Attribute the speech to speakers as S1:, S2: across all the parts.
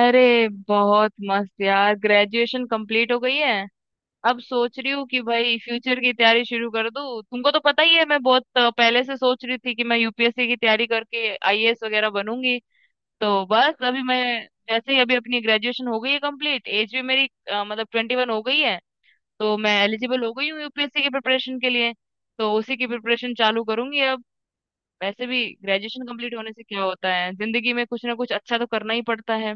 S1: अरे बहुत मस्त यार, ग्रेजुएशन कंप्लीट हो गई है। अब सोच रही हूँ कि भाई फ्यूचर की तैयारी शुरू कर दूँ। तुमको तो पता ही है मैं बहुत पहले से सोच रही थी कि मैं यूपीएससी की तैयारी करके आईएएस वगैरह बनूंगी। तो बस अभी मैं जैसे ही अभी अपनी ग्रेजुएशन हो गई है कंप्लीट, एज भी मेरी मतलब 21 हो गई है, तो मैं एलिजिबल हो गई हूँ यूपीएससी की प्रिपरेशन के लिए। तो उसी की प्रिपरेशन चालू करूंगी अब। वैसे भी ग्रेजुएशन कंप्लीट होने से क्या होता है, जिंदगी में कुछ ना कुछ अच्छा तो करना ही पड़ता है।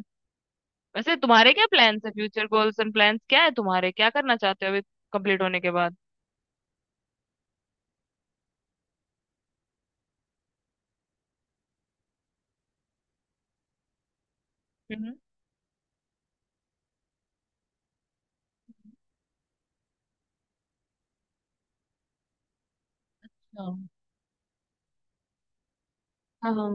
S1: वैसे तुम्हारे क्या प्लान्स है? फ्यूचर गोल्स एंड प्लान्स क्या है तुम्हारे? क्या करना चाहते हो अभी कंप्लीट होने के बाद? हम्म, हाँ, हाँ, हाँ,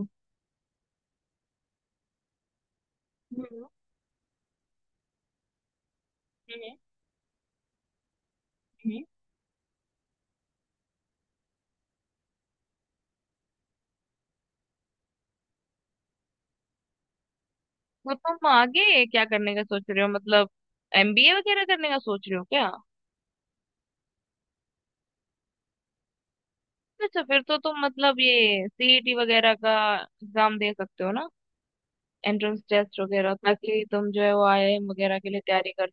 S1: हम्म, हम्म, हम्म। तो तुम आगे क्या करने का सोच रहे हो, मतलब एमबीए वगैरह करने का सोच रहे हो क्या? अच्छा, फिर तो तुम मतलब ये सीईटी वगैरह का एग्जाम दे सकते हो ना, एंट्रेंस टेस्ट वगैरह, ताकि तुम जो है वो आईआईएम वगैरह के लिए तैयारी कर।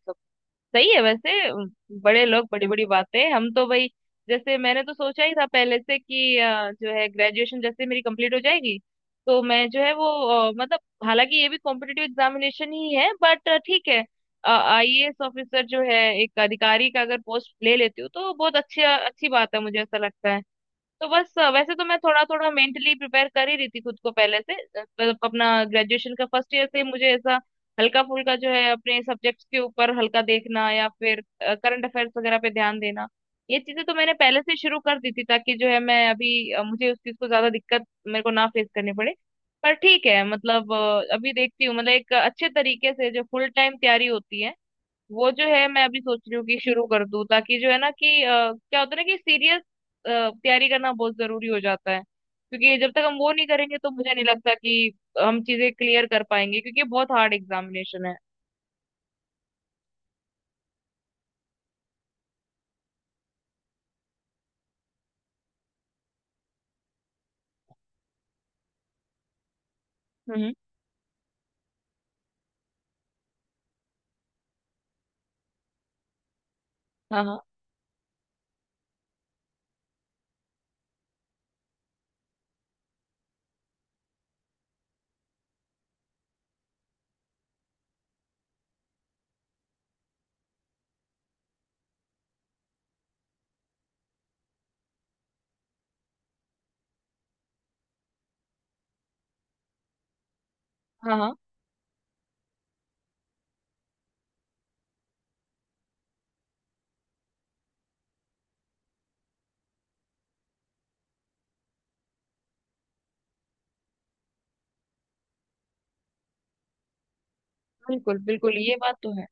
S1: सही है वैसे। बड़े लोग बड़ी बड़ी बातें, हम तो भाई जैसे मैंने तो सोचा ही था पहले से कि जो है ग्रेजुएशन जैसे मेरी कंप्लीट हो जाएगी तो मैं जो है वो मतलब, हालांकि ये भी कॉम्पिटिटिव एग्जामिनेशन ही है बट ठीक है। आईएएस ऑफिसर जो है, एक अधिकारी का अगर पोस्ट ले लेती हूँ तो बहुत अच्छी अच्छी बात है, मुझे ऐसा लगता है। तो बस वैसे तो मैं थोड़ा थोड़ा मेंटली प्रिपेयर कर ही रही थी खुद को पहले से। मतलब अपना ग्रेजुएशन का फर्स्ट ईयर से मुझे ऐसा हल्का फुल्का जो है अपने सब्जेक्ट्स के ऊपर हल्का देखना या फिर करंट अफेयर्स वगैरह पे ध्यान देना, ये चीजें तो मैंने पहले से शुरू कर दी थी, ताकि जो है मैं अभी मुझे उस चीज को ज्यादा दिक्कत मेरे को ना फेस करनी पड़े। पर ठीक है मतलब अभी देखती हूँ, मतलब एक अच्छे तरीके से जो फुल टाइम तैयारी होती है वो जो है मैं अभी सोच रही हूँ कि शुरू कर दूँ, ताकि जो है ना कि क्या होता है ना कि सीरियस तैयारी करना बहुत जरूरी हो जाता है, क्योंकि जब तक हम वो नहीं करेंगे तो मुझे नहीं लगता कि हम चीजें क्लियर कर पाएंगे, क्योंकि ये बहुत हार्ड एग्जामिनेशन है। हम्म, हाँ, हाँ, हाँ, हाँ, बिल्कुल बिल्कुल, ये बात तो है।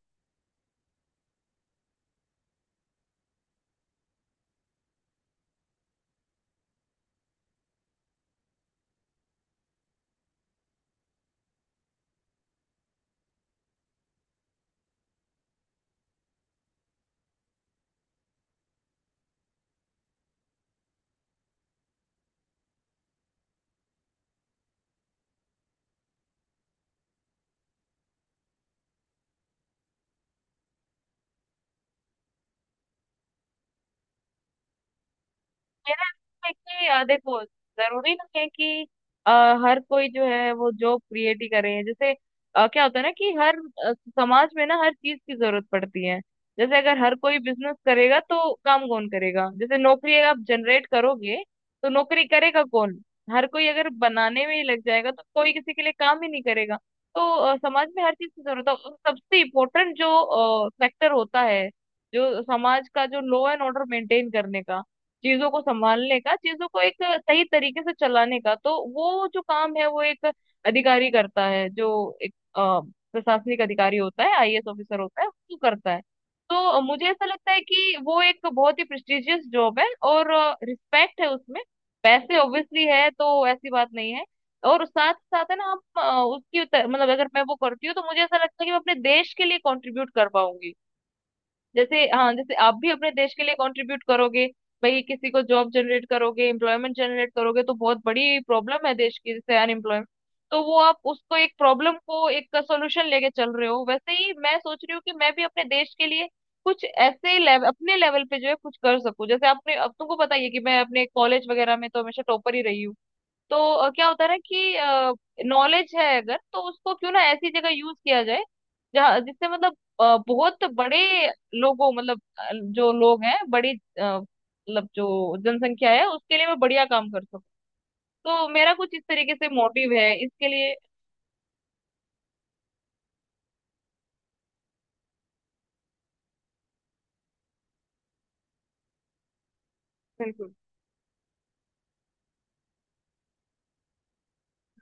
S1: मेरा ऐसा है कि देखो, जरूरी नहीं है कि अ, हर कोई जो है वो जॉब क्रिएट ही करे। जैसे क्या होता है ना कि हर अ, समाज में ना हर चीज की जरूरत पड़ती है। जैसे अगर हर कोई बिजनेस करेगा तो काम कौन करेगा? जैसे नौकरी अगर आप जनरेट करोगे तो नौकरी करेगा कौन? हर कोई अगर बनाने में ही लग जाएगा तो कोई किसी के लिए काम ही नहीं करेगा। तो समाज में हर चीज की जरूरत है, और सबसे इम्पोर्टेंट जो सेक्टर होता है, जो समाज का जो लॉ एंड ऑर्डर मेंटेन करने का, चीजों को संभालने का, चीजों को एक सही तरीके से चलाने का, तो वो जो काम है वो एक अधिकारी करता है, जो एक प्रशासनिक अधिकारी होता है, आईएएस ऑफिसर होता है, वो करता है। तो मुझे ऐसा लगता है कि वो एक बहुत ही प्रेस्टिजियस जॉब है, और रिस्पेक्ट है उसमें, पैसे ऑब्वियसली है तो ऐसी बात नहीं है। और साथ साथ है ना, आप उसकी मतलब अगर मैं वो करती हूँ तो मुझे ऐसा लगता है कि मैं अपने देश के लिए कंट्रीब्यूट कर पाऊंगी। जैसे हाँ, जैसे आप भी अपने देश के लिए कंट्रीब्यूट करोगे भाई, किसी को जॉब जनरेट करोगे, एम्प्लॉयमेंट जनरेट करोगे, तो बहुत बड़ी प्रॉब्लम है देश की जैसे अनएम्प्लॉयमेंट। तो वो आप उसको एक प्रॉब्लम को एक सॉल्यूशन लेके चल रहे हो, वैसे ही मैं सोच रही हूँ कि मैं भी अपने देश के लिए कुछ ऐसे अपने लेवल पे जो है कुछ कर सकूं। जैसे आपने, अब तुमको पता ही है कि मैं अपने कॉलेज वगैरह में तो हमेशा टॉपर ही रही हूँ। तो क्या होता है ना कि नॉलेज है अगर, तो उसको क्यों ना ऐसी जगह यूज किया जाए जहाँ, जिससे मतलब बहुत बड़े लोगों, मतलब जो लोग हैं बड़ी मतलब जो जनसंख्या है, उसके लिए मैं बढ़िया काम कर सकूँ। तो मेरा कुछ इस तरीके से मोटिव है इसके लिए। बिल्कुल,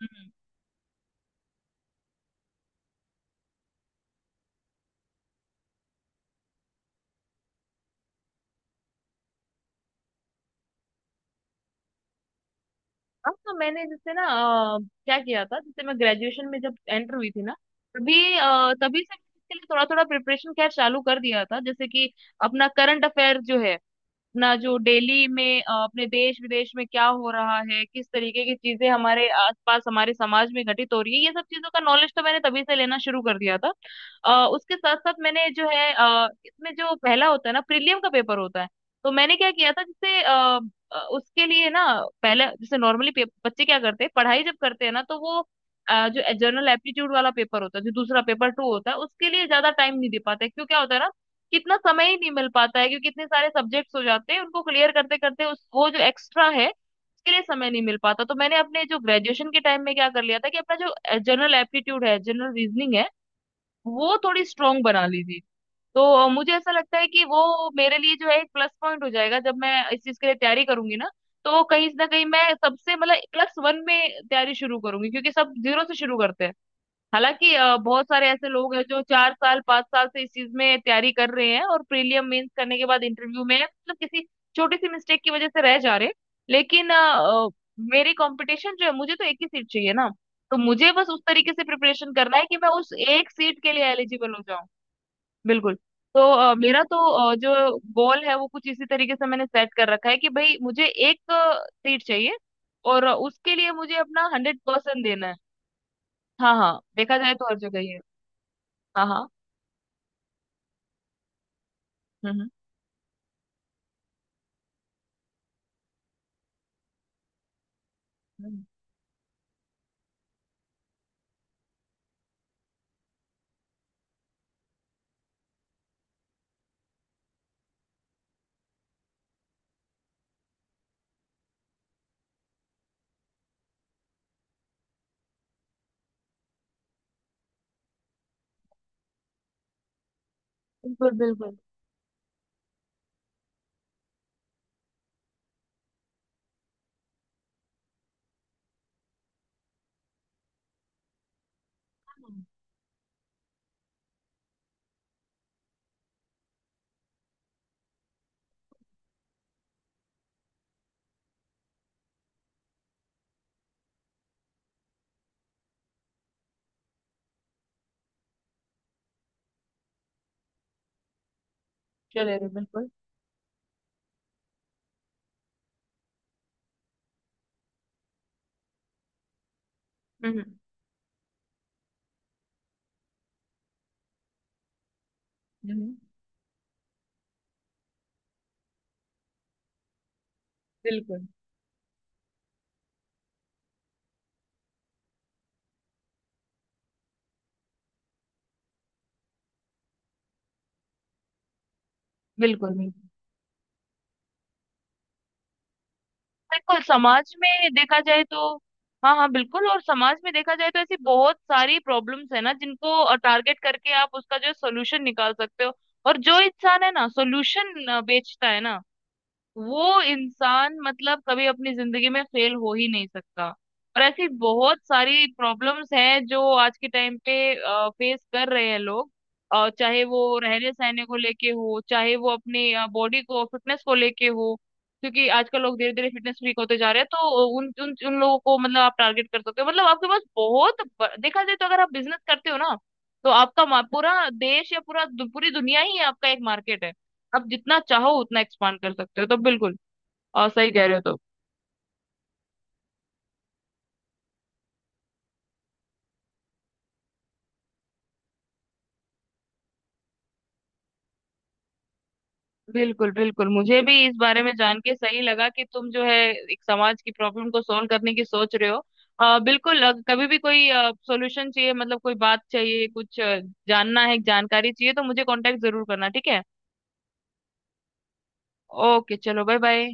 S1: हम्म। हाँ, तो मैंने जैसे ना अ, क्या किया था, जैसे मैं ग्रेजुएशन में जब एंटर हुई थी ना, तभी तभी से मैंने इसके लिए थोड़ा थोड़ा प्रिपरेशन खैर चालू कर दिया था। जैसे कि अपना करंट अफेयर जो है, अपना जो डेली में अपने देश विदेश में क्या हो रहा है, किस तरीके की चीजें हमारे आसपास हमारे समाज में घटित हो रही है, ये सब चीजों का नॉलेज तो मैंने तभी से लेना शुरू कर दिया था। उसके साथ साथ मैंने जो है इसमें जो पहला होता है ना प्रीलियम का पेपर होता है, तो मैंने क्या किया था, जैसे उसके लिए ना, पहले जैसे नॉर्मली बच्चे क्या करते हैं पढ़ाई जब करते हैं ना तो वो जो जनरल एप्टीट्यूड वाला पेपर होता है, जो दूसरा पेपर टू होता है, उसके लिए ज्यादा टाइम नहीं दे पाते। क्यों? क्या होता है ना, कितना समय ही नहीं मिल पाता है, क्योंकि इतने सारे सब्जेक्ट्स हो जाते हैं, उनको क्लियर करते करते उस वो जो एक्स्ट्रा है उसके लिए समय नहीं मिल पाता। तो मैंने अपने जो ग्रेजुएशन के टाइम में क्या कर लिया था कि अपना जो जनरल एप्टीट्यूड है, जनरल रीजनिंग है, वो थोड़ी स्ट्रांग बना ली थी। तो मुझे ऐसा लगता है कि वो मेरे लिए जो है एक प्लस पॉइंट हो जाएगा जब मैं इस चीज के लिए तैयारी करूंगी ना। तो कहीं ना कहीं मैं सबसे, मतलब प्लस वन में तैयारी शुरू करूंगी, क्योंकि सब जीरो से शुरू करते हैं। हालांकि बहुत सारे ऐसे लोग हैं जो 4 साल 5 साल से इस चीज में तैयारी कर रहे हैं और प्रीलियम मेंस करने के बाद इंटरव्यू में मतलब किसी छोटी सी मिस्टेक की वजह से रह जा रहे हैं। लेकिन मेरी कंपटीशन जो है, मुझे तो एक ही सीट चाहिए ना, तो मुझे बस उस तरीके से प्रिपरेशन करना है कि मैं उस एक सीट के लिए एलिजिबल हो जाऊं। बिल्कुल। तो मेरा तो जो गोल है वो कुछ इसी तरीके से मैंने सेट कर रखा है कि भाई मुझे एक सीट चाहिए, और उसके लिए मुझे अपना 100% देना है। हाँ, हाँ, देखा जाए तो हर जगह ही है। हाँ, हाँ, हम्म, हम्म, बिल्कुल बिल्कुल, चलेगा, बिल्कुल, हम्म, हम्म, बिल्कुल बिल्कुल बिल्कुल, बिल्कुल समाज में देखा जाए तो, हाँ, हाँ, बिल्कुल, और समाज में देखा जाए तो ऐसी बहुत सारी प्रॉब्लम्स है ना जिनको टारगेट करके आप उसका जो सोल्यूशन निकाल सकते हो। और जो इंसान है ना सोल्यूशन बेचता है ना, वो इंसान मतलब कभी अपनी जिंदगी में फेल हो ही नहीं सकता। और ऐसी बहुत सारी प्रॉब्लम्स हैं जो आज के टाइम पे फेस कर रहे हैं लोग, चाहे वो रहने सहने को लेके हो, चाहे वो अपनी बॉडी को फिटनेस को लेके हो, क्योंकि आजकल लोग धीरे धीरे फिटनेस फ्रीक होते जा रहे हैं, तो उन उन उन लोगों को मतलब आप टारगेट कर सकते हो। मतलब आपके पास बहुत देखा जाए तो, अगर आप बिजनेस करते हो ना तो आपका पूरा देश, या पूरा पूरी दुनिया ही आपका एक मार्केट है। आप जितना चाहो उतना एक्सपांड कर सकते हो, तो बिल्कुल और सही कह रहे हो। तो बिल्कुल बिल्कुल, मुझे भी इस बारे में जान के सही लगा कि तुम जो है एक समाज की प्रॉब्लम को सॉल्व करने की सोच रहे हो। बिल्कुल, कभी भी कोई सॉल्यूशन चाहिए, मतलब कोई बात चाहिए, कुछ जानना है, जानकारी चाहिए, तो मुझे कांटेक्ट जरूर करना, ठीक है? ओके, चलो, बाय बाय।